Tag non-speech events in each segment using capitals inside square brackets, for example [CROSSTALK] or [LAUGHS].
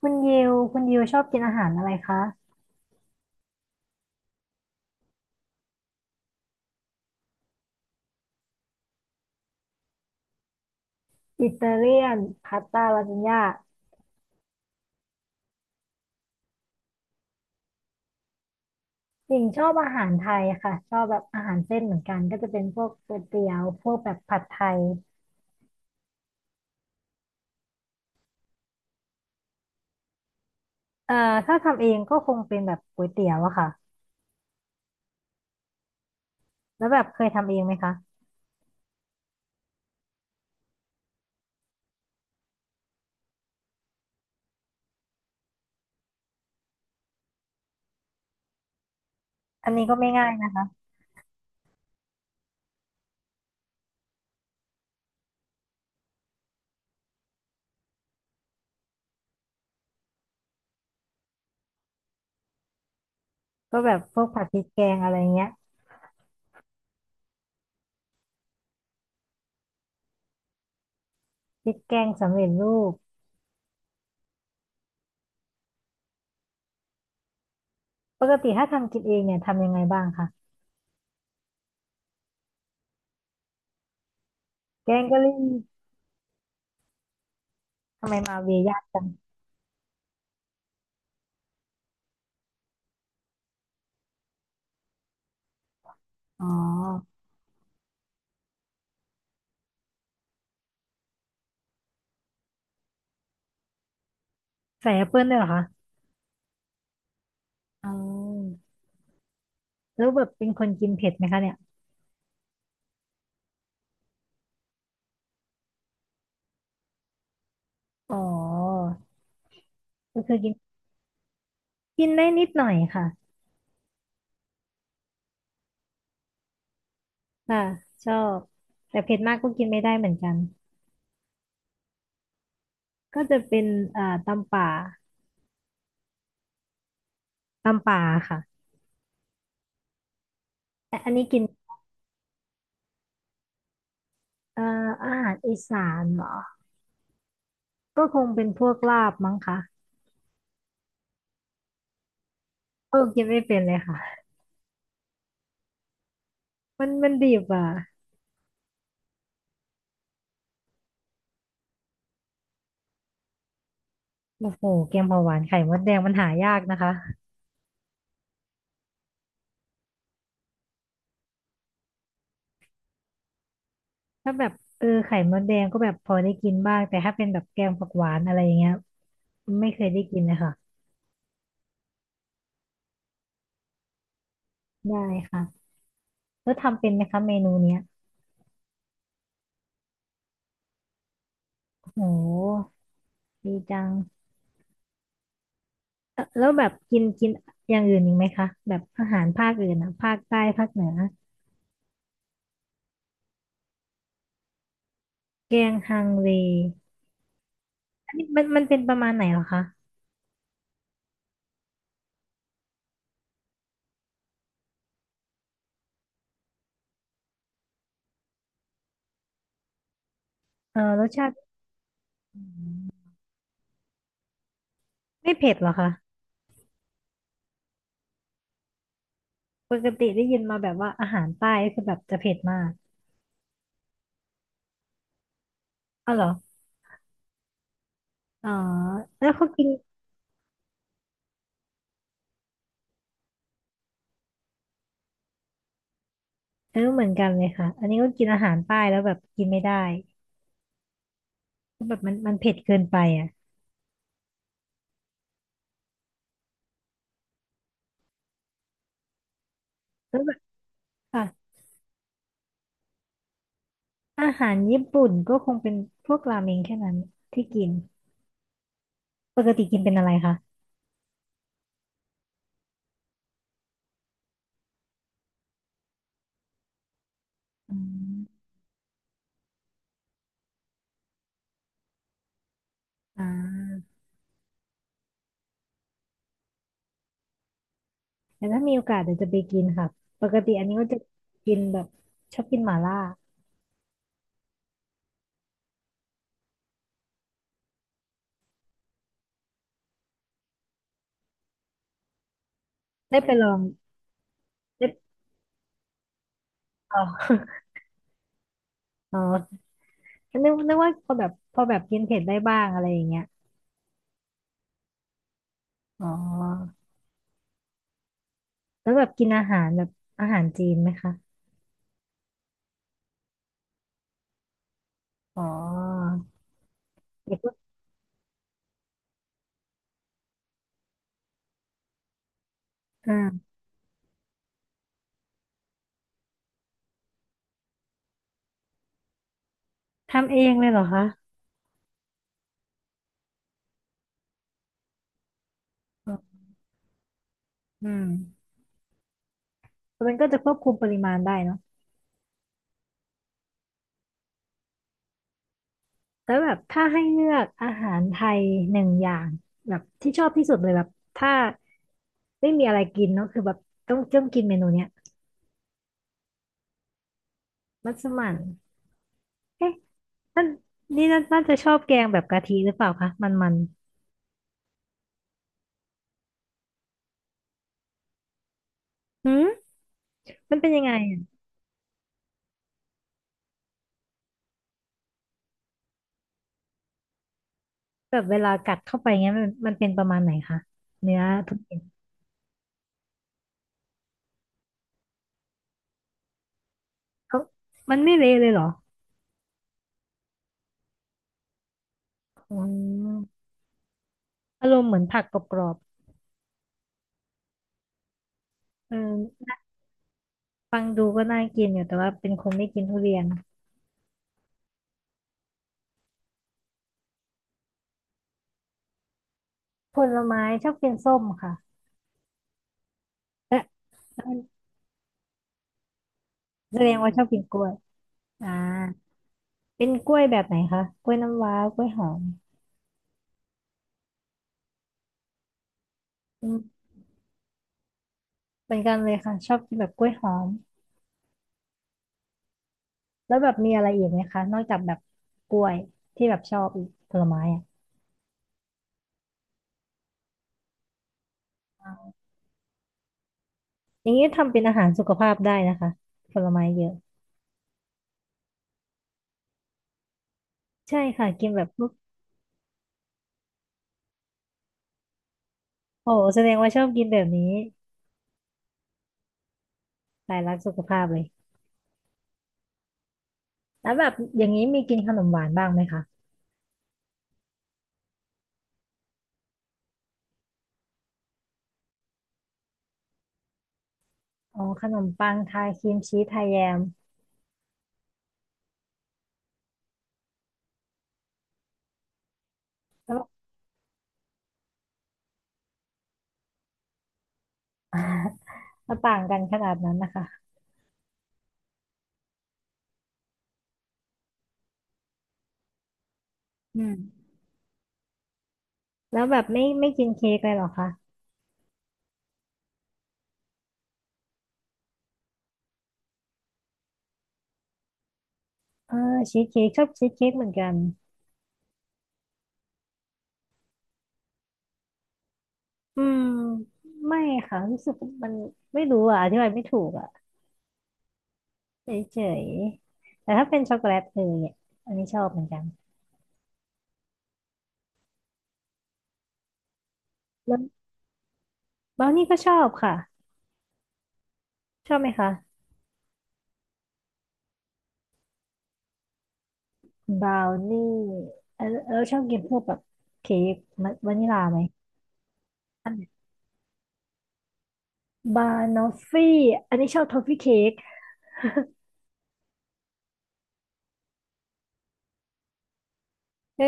คุณยิวคุณยิวชอบกินอาหารอะไรคะอิตาเลียนพาสต้าลาซานญ่าหญิงชอบอาหารไทยค่ะชอบแบบอาหารเส้นเหมือนกัน ก็จะเป็นพวกก๋วยเตี๋ยวพวกแบบผัดไทยเอ่อถ้าทำเองก็คงเป็นแบบก๋วยเตี๋ยวอะค่ะแล้วแบบเคยทำเองไหมคะ อันนี้ก็ไม่ง่ายนะคะ ก็แบบพวกผัดพริกแกงอะไรเงี้ยพริกแกงสำเร็จรูปปกติถ้าทำกินเองเนี่ยทำยังไงบ้างคะแกงกะหรี่ทำไมมาเวียยากจังอ๋อใส่แอปเปิ้ลด้วยเหรอคะอ๋อ แล้วแบบเป็นคนกินเผ็ดไหมคะเนี่ยอ๋อก็คือกินกินได้นิดหน่อยค่ะค่ะชอบแต่เผ็ดมากก็กินไม่ได้เหมือนกัน ก็จะเป็นตำป่าตำป่าค่ะแต่อันนี้กินเอ่ออาหารอีสานเหรอก็คงเป็นพวกลาบมั้งคะเออกินไม่เป็นเลยค่ะมันมันดิบอ่ะโอ้โหแกงเผาหวานไข่มดแดงมันหายากนะคะถ้าแบบเออไข่มดแดงก็แบบพอได้กินบ้างแต่ถ้าเป็นแบบแกงผักหวานอะไรอย่างเงี้ยไม่เคยได้กินเลยค่ะได้ค่ะ แล้วทำเป็นไหมคะเมนูเนี้ยโหดีจังแล้วแบบกินกินอย่างอื่นอีกไหมคะแบบอาหารภาคอื่นอะภาคใต้ภาคเหนือแกงฮังเลอันนี้มันมันเป็นประมาณไหนเหรอคะเออรสชาติอืมไม่เผ็ดเหรอคะปกติได้ยินมาแบบว่าอาหารใต้ก็คือแบบจะเผ็ดมากอ๋อเหรออ๋อแล้วเขากินเออเหมือนกันเลยค่ะอันนี้ก็กินอาหารใต้แล้วแบบกินไม่ได้ก็แบบมันมันเผ็ดเกินไปอ่ะแล้วแบบค่ะ อาหารญี่ปุ่นก็คงเป็นพวกราเมงแค่นั้นที่กินปกติกินเป็นอะไรคะอืมอ่าแต่ถ้ามีโอกาสเดี๋ยวจะไปกินค่ะปกติอันนี้ก็จะกินแบบชอบกินหม่าล่าได้ไปลองได้อ๋อ [LAUGHS] อ๋อนึกว่าพอแบบพอแบบกินเผ็ดได้บ้างอะไรอย่างเงี้ยอ๋อแล้วแบบกินอาหารแบบอาหารจีนไหมคะอ๋อเด็กก็อ่าทำเองเลยเหรอคะอืมมันก็จะควบคุมปริมาณได้เนอะ แล้วแบบถ้าให้เลือกอาหารไทยหนึ่งอย่างแบบที่ชอบที่สุดเลยแบบถ้าไม่มีอะไรกินเนาะคือแบบต้องกินเมนูเนี้ยมัสมั่นเอ๊ะนั่นนี่น่าจะชอบแกงแบบกะทิหรือเปล่าคะมันมันหืมมันเป็นยังไงอะแบบเวลากัดเข้าไปเงี้ยมันมันเป็นประมาณไหนคะเนื้อทุเรียนเขามันไม่เละเลยเหรออืมอารมณ์เหมือนผักกรอบๆเออฟังดูก็น่ากินอยู่แต่ว่าเป็นคนไม่กินทุเรียนผลไม้ชอบกินส้มค่ะ และแล้วมันแสดงว่าชอบกินกล้วยอ่าเป็นกล้วยแบบไหนคะกล้วยน้ำว้ากล้วยหอมอืมเหมือนกันเลยค่ะชอบกินแบบกล้วยหอมแล้วแบบมีอะไรอีกไหมคะนอกจากแบบกล้วยที่แบบชอบอีกผลไม้อะอย่างนี้ทำเป็นอาหารสุขภาพได้นะคะผลไม้เยอะใช่ค่ะกินแบบพวกโอ้โหแสดงว่าชอบกินแบบนี้สายรักสุขภาพเลยแล้วแบบอย่างนี้มีกินขนมหวานบ้างไหมคะอ๋อขนมปังทาครีมชีสไทยแยมแล้ว [LAUGHS] แล้ [LAUGHS] วต่างกันขนาดนั้นนะคะอืม แล้วแบบไม่กินเค้กเลยเหรอคะเออชีสเค้กชอบชีสเค้กเหมือนกันอืมไม่ค่ะรู้สึกมันไม่รู้อ่ะอธิบายไม่ถูกอ่ะเฉยๆแต่ถ้าเป็นช็อกโกแลตเออเนี่ยอันนี้ชอบเหมือนกันแล้วบราวนี่ก็ชอบค่ะชอบไหมคะบราวนี่เออเราชอบกินพวกแบบเค้กมันวานิลลาไหมบานอฟฟี่อันนี้ชอบทอฟฟี่เค้กเออ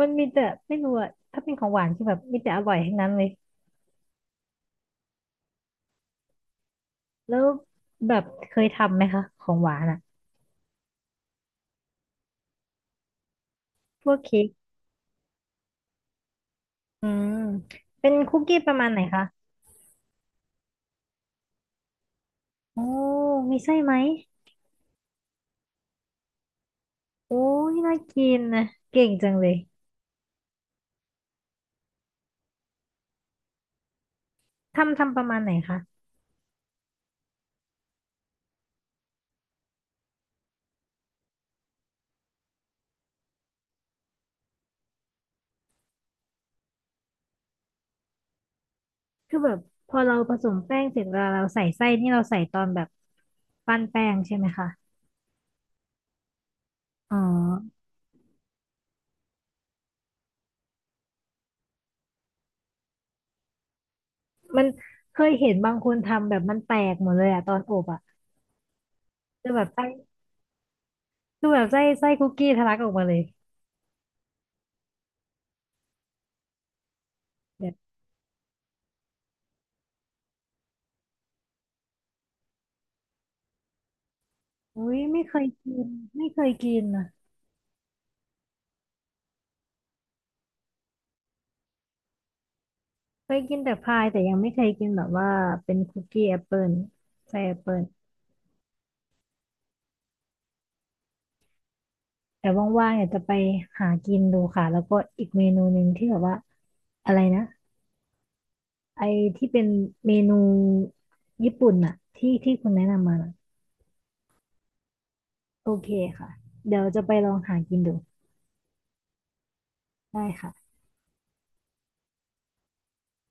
มันมีแต่ไม่รู้อ่ะถ้าเป็นของหวานคือแบบมีแต่อร่อยทั้งนั้นเลย แล้วแบบเคยทำไหมคะของหวานอ่ะพวกเค้กอืมเป็นคุกกี้ประมาณไหนคะโอ้มีไส้ไหมโอ้ยน่ากินนะเก่งจังเลย ทำทำประมาณไหนคะคือแบบพอเราผสมแป้งเสร็จเวลาเราใส่ไส้นี่เราใส่ตอนแบบปั้นแป้งใช่ไหมคะอ๋อมันเคยเห็นบางคนทำแบบมันแตกหมดเลยอะตอนอบอะคือแบบไส้คือแบบไส้คุกกี้ทะลักออกมาเลยแบบอุ้ยไม่เคยกินไม่เคยกินนะ เคยกินแต่พายแต่ยังไม่เคยกินแบบว่าเป็นคุกกี้แอปเปิลใส่แอปเปิลแต่ว่างๆอยากจะไปหากินดูค่ะแล้วก็อีกเมนูหนึ่งที่แบบว่าอะไรนะไอที่เป็นเมนูญี่ปุ่นอะที่ที่คุณแนะนำมาน่ะโอเคค่ะเดี๋ยวจะไปลองหากินดูได้ค่ะ